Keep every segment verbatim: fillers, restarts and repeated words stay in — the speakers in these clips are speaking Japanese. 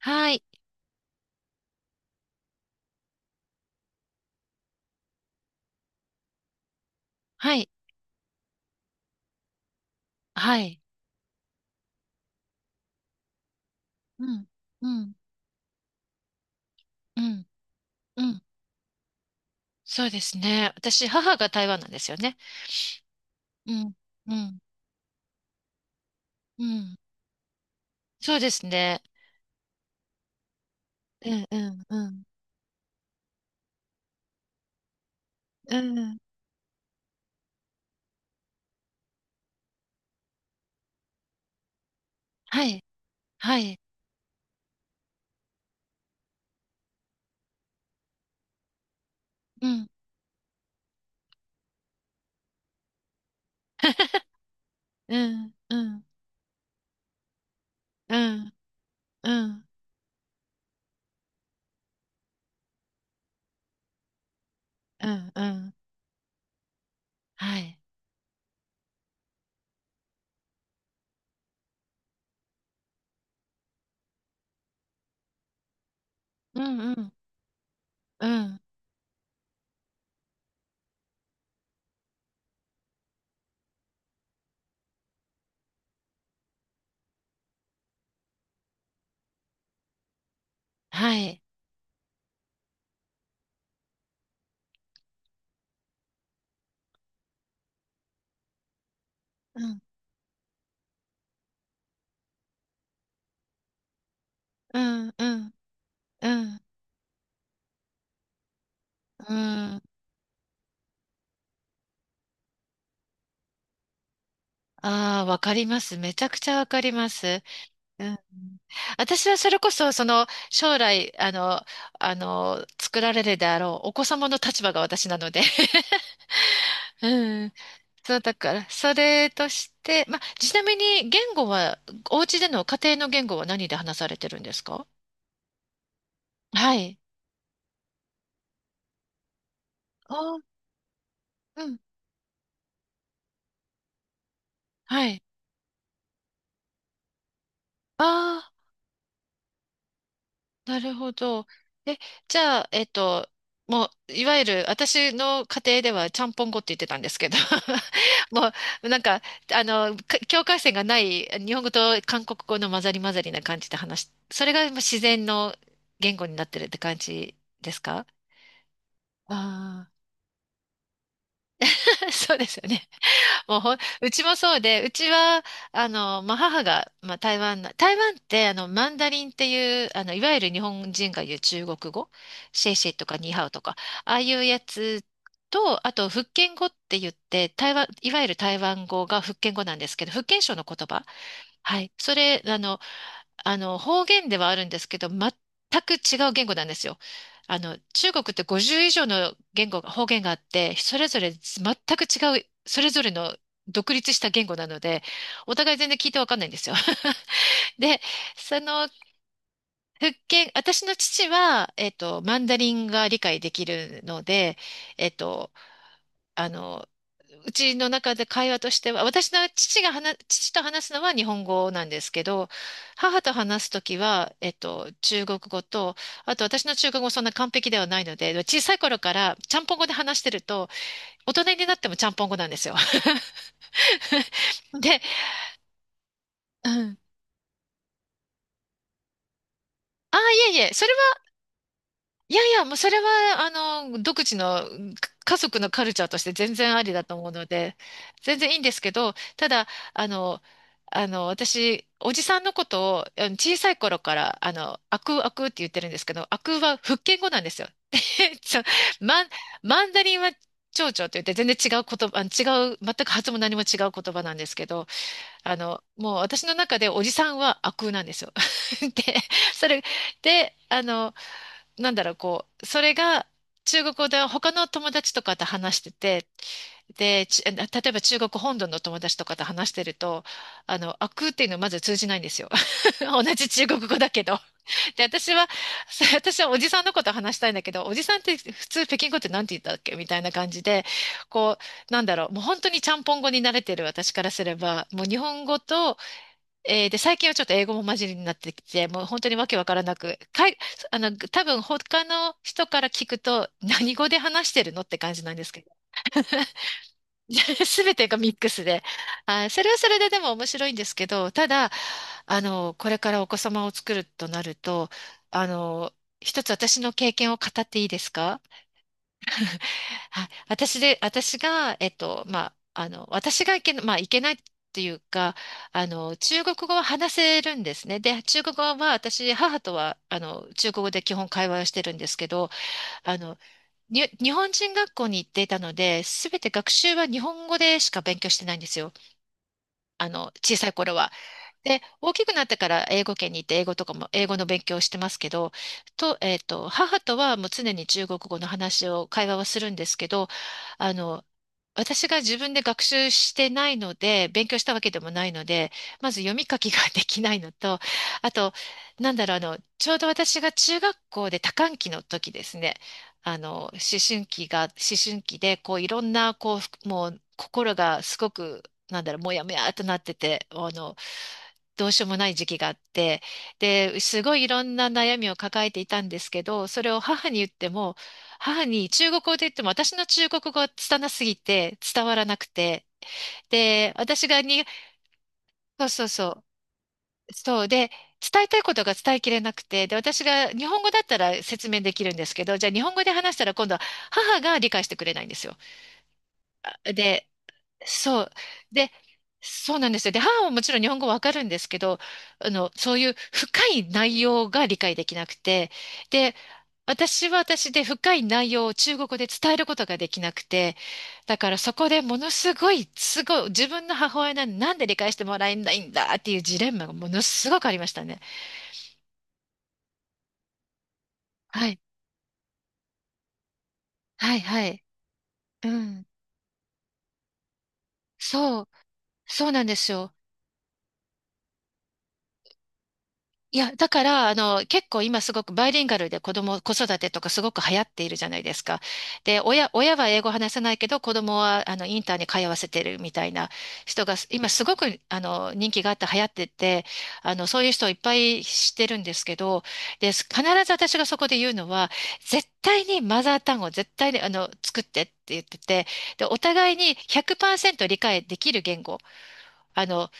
はい、はい、はい。うん、うん、うん、うん。そうですね。私、母が台湾なんですよね。うん、うん、うん。そうですね。うん、うん、うん、うん。はい、はい、うん。うん、うん、うん、うん、うん、うん、はい。うん、うん、うん、はい。うん、うん、うん、うん、うん。ああ、わかります。めちゃくちゃわかります。うん私はそれこそ、その、将来、あの、あの、作られるであろう、お子様の立場が私なので。うん。そう、だから、それとして、ま、ちなみに、言語は、お家での家庭の言語は何で話されてるんですか？はい。あ、うん。はい。ああ。なるほど。え、じゃあ、えっと、もう、いわゆる、私の家庭では、ちゃんぽん語って言ってたんですけど、もう、なんか、あの、か境界線がない、日本語と韓国語の混ざり混ざりな感じで話し、それがもう自然の言語になってるって感じですか？ああー。そうですよね。もうほん、うちもそうで、うちは、あの、まあ、母が、まあ、台湾な、台湾って、あの、マンダリンっていう、あの、いわゆる日本人が言う中国語、シェイシェイとかニーハオとか、ああいうやつと、あと、福建語って言って、台湾、いわゆる台湾語が福建語なんですけど、福建省の言葉。はい。それ、あの、あの、方言ではあるんですけど、全く違う言語なんですよ。あの、中国ってごじゅう以上の言語が、方言があって、それぞれ全く違う、それぞれの独立した言語なので、お互い全然聞いてわかんないんですよ。で、その、福建、私の父は、えっと、マンダリンが理解できるので、えっと、あの、うちの中で会話としては、私の父が話、父と話すのは日本語なんですけど、母と話すときは、えっと、中国語と、あと私の中国語そんな完璧ではないので、小さい頃からちゃんぽん語で話してると、大人になってもちゃんぽん語なんですよ。で、うん。ああ、いえいえ、それ。いやいや、もうそれは、あの、独自のか家族のカルチャーとして全然ありだと思うので、全然いいんですけど、ただ、あの、あの、私、おじさんのことを、あの小さい頃から、あの、あくあくって言ってるんですけど、あくは福建語なんですよ。でちょ、マン、マンダリンは蝶々って言って、全然違う言葉、あの違う、全く発音も何も違う言葉なんですけど、あの、もう私の中でおじさんはあくなんですよ。で、それ、で、あの、なんだろう、こう、それが中国語で他の友達とかと話してて、で、ち例えば中国本土の友達とかと話してると、あの、あくっていうのまず通じないんですよ。同じ中国語だけど。で、私は、そ私はおじさんのこと話したいんだけど、おじさんって普通北京語って何て言ったっけみたいな感じで、こう、なんだろう、もう本当にちゃんぽん語に慣れてる私からすれば、もう日本語とえーで、最近はちょっと英語も混じりになってきて、もう本当にわけわからなく、かい、あの、多分他の人から聞くと、何語で話してるのって感じなんですけど、すべてがミックスで、あー、それはそれででも面白いんですけど、ただ、あの、これからお子様を作るとなると、あの、一つ私の経験を語っていいですか？はい、私で、私が、えっと、まあ、あの、私がいけな、まあ、いけないっていうか、あの、中国語は話せるんですね。で、中国語は私、母とは、あの、中国語で基本会話をしてるんですけど、あの、に、日本人学校に行っていたので、すべて学習は日本語でしか勉強してないんですよ。あの、小さい頃は。で、大きくなってから英語圏に行って、英語とかも、英語の勉強をしてますけど、と、えっと、母とはもう常に中国語の話を、会話をするんですけど、あの、私が自分で学習してないので、勉強したわけでもないので、まず読み書きができないのと、あと、なんだろう、あの、ちょうど私が中学校で多感期の時ですね、あの、思春期が、思春期で、こう、いろんな、こう、もう、心がすごく、なんだろう、もやもやっとなってて、あの、どうしようもない時期があって、で、すごいいろんな悩みを抱えていたんですけど、それを母に言っても、母に中国語で言っても私の中国語が拙すぎて伝わらなくて。で、私がに、そうそうそう。そうで、伝えたいことが伝えきれなくて、で、私が日本語だったら説明できるんですけど、じゃあ日本語で話したら今度は母が理解してくれないんですよ。で、そう。で、そうなんですよ。で、母はもちろん日本語わかるんですけど、あの、そういう深い内容が理解できなくて、で、私は私で深い内容を中国語で伝えることができなくて、だからそこでものすごい、すごい、自分の母親なんで、なんで理解してもらえないんだっていうジレンマがものすごくありましたね。はい。はい、はい。うん。そう、そうなんですよ。いや、だから、あの、結構今すごくバイリンガルで子供、子育てとかすごく流行っているじゃないですか。で、親、親は英語話せないけど、子供は、あの、インターに通わせてるみたいな人が、今すごく、あの、人気があって流行ってて、あの、そういう人をいっぱい知ってるんですけど、で、必ず私がそこで言うのは、絶対にマザー単語、絶対に、あの、作ってって言ってて、で、お互いにひゃくパーセント理解できる言語、あの、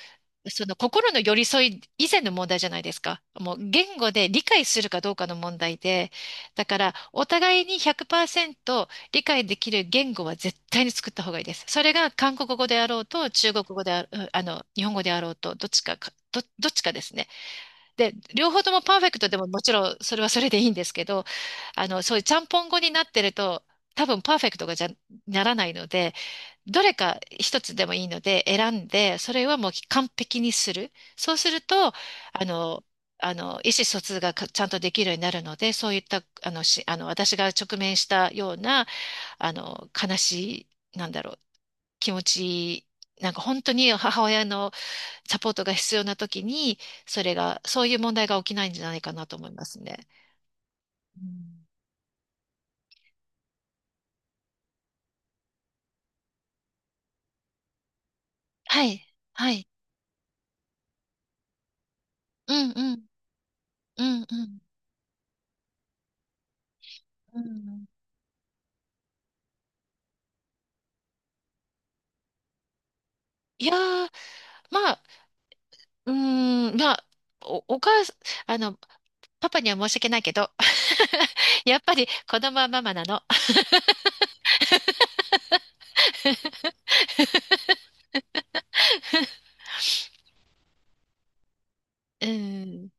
その心の寄り添い以前の問題じゃないですか。もう言語で理解するかどうかの問題で、だからお互いにひゃくパーセント理解できる言語は絶対に作った方がいいです。それが韓国語であろうと、中国語であ、うんあの、日本語であろうと、どっちかか、ど、どっちかですね。で、両方ともパーフェクトでももちろんそれはそれでいいんですけど、あの、そういうちゃんぽん語になってると、多分パーフェクトがじゃ、ならないので、どれか一つでもいいので選んで、それはもう完璧にする。そうすると、あの、あの、意思疎通がかちゃんとできるようになるので、そういった、あの、し、あの、私が直面したような、あの、悲しい、なんだろう、気持ち、なんか本当に母親のサポートが必要な時に、それが、そういう問題が起きないんじゃないかなと思いますね。はい、はい。うんうん、うんうん。うん、いやー、まあ、うーん、まあ、お、お母さん、あの、パパには申し訳ないけど、やっぱり子供はママなの。うん。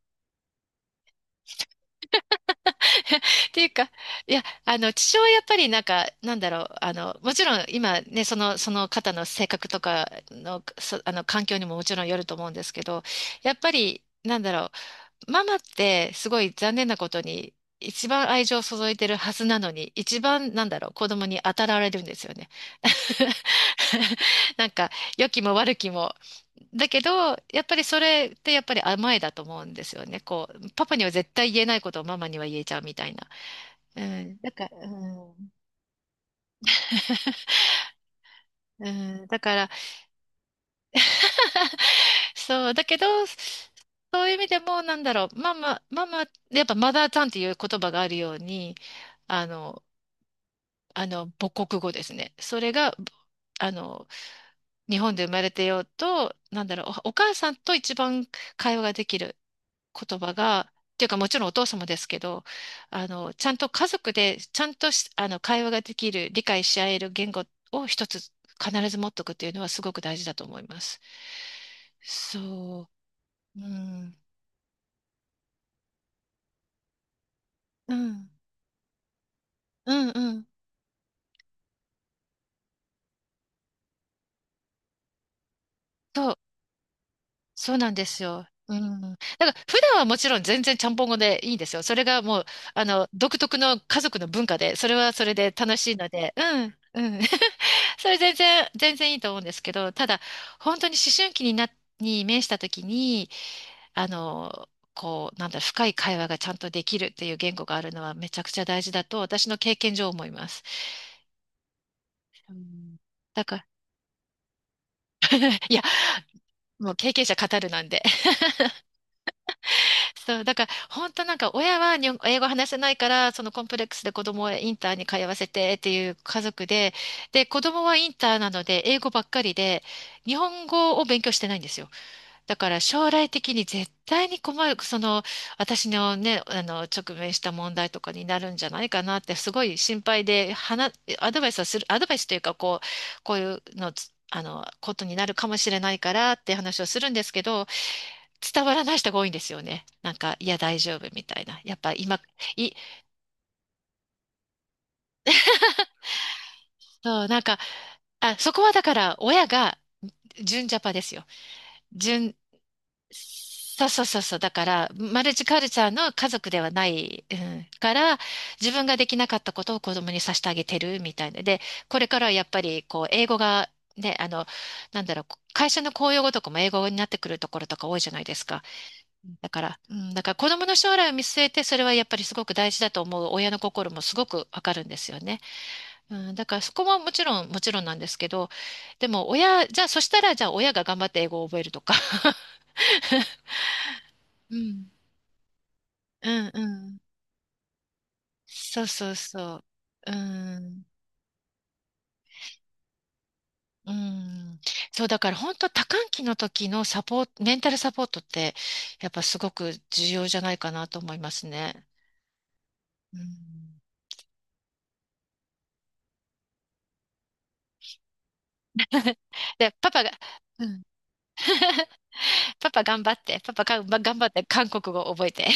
っていうか、いや、あの、父親はやっぱりなんか、なんだろう、あの、もちろん今ね、その、その方の性格とかの、そ、あの、環境にももちろんよると思うんですけど、やっぱり、なんだろう、ママってすごい残念なことに一番愛情を注いでるはずなのに一番なんだろう子供に当たられるんですよね。なんか良きも悪きも。だけどやっぱりそれってやっぱり甘えだと思うんですよね。こうパパには絶対言えないことをママには言えちゃうみたいな。うん、だから、うん、うん、だから そう、だけどそういう意味でもなんだろうママママ、やっぱマザーちゃんっていう言葉があるように。あのあの、母国語ですね。それが、あの、日本で生まれてようと、なんだろう、お、お母さんと一番会話ができる言葉が、っていうかもちろんお父様ですけど、あの、ちゃんと家族で、ちゃんとしあの、会話ができる、理解し合える言語を一つ必ず持っとくっていうのはすごく大事だと思います。そう。うん。うん。うんうん。そう、そうなんですよ。うん。だから普段はもちろん全然ちゃんぽん語でいいんですよ。それがもう、あの、独特の家族の文化で、それはそれで楽しいので、うん、うん。それ、全然、全然いいと思うんですけど、ただ、本当に思春期にな、に面した時に、あの、こう、なんだ、深い会話がちゃんとできるっていう言語があるのはめちゃくちゃ大事だと、私の経験上思います。うん、だから、いや、もう経験者語るなんで。そう、だから本当なんか親は日本英語話せないからそのコンプレックスで子供をインターに通わせてっていう家族で、で子供はインターなので英語ばっかりで日本語を勉強してないんですよ。だから将来的に絶対に困る、その私のね、あの直面した問題とかになるんじゃないかなってすごい心配で、はなアドバイスをする、アドバイスというかこう、こういうのつ、あのことになるかもしれないからって話をするんですけど、伝わらない人が多いんですよね。なんか、いや、大丈夫みたいな。やっぱ今、い、そう、なんか、あ、そこはだから、親が純ジャパですよ。純、そうそうそうそう。だから、マルチカルチャーの家族ではない、うん、から、自分ができなかったことを子供にさせてあげてるみたいな。で、これからはやっぱり、こう、英語が、ね、あの、なんだろう、会社の公用語とかも英語になってくるところとか多いじゃないですか。だから、うん、だから子供の将来を見据えて、それはやっぱりすごく大事だと思う親の心もすごくわかるんですよね。うん、だからそこはもちろん、もちろんなんですけど、でも親、じゃあそしたら、じゃあ親が頑張って英語を覚えるとか。うん、うん、うん。そうそうそう。うん、うん。そう、だから本当多感期の時のサポート、メンタルサポートって、やっぱすごく重要じゃないかなと思いますね。うん、で、パパが、うん パパ頑張って、パパがんば頑張って韓国語覚えて。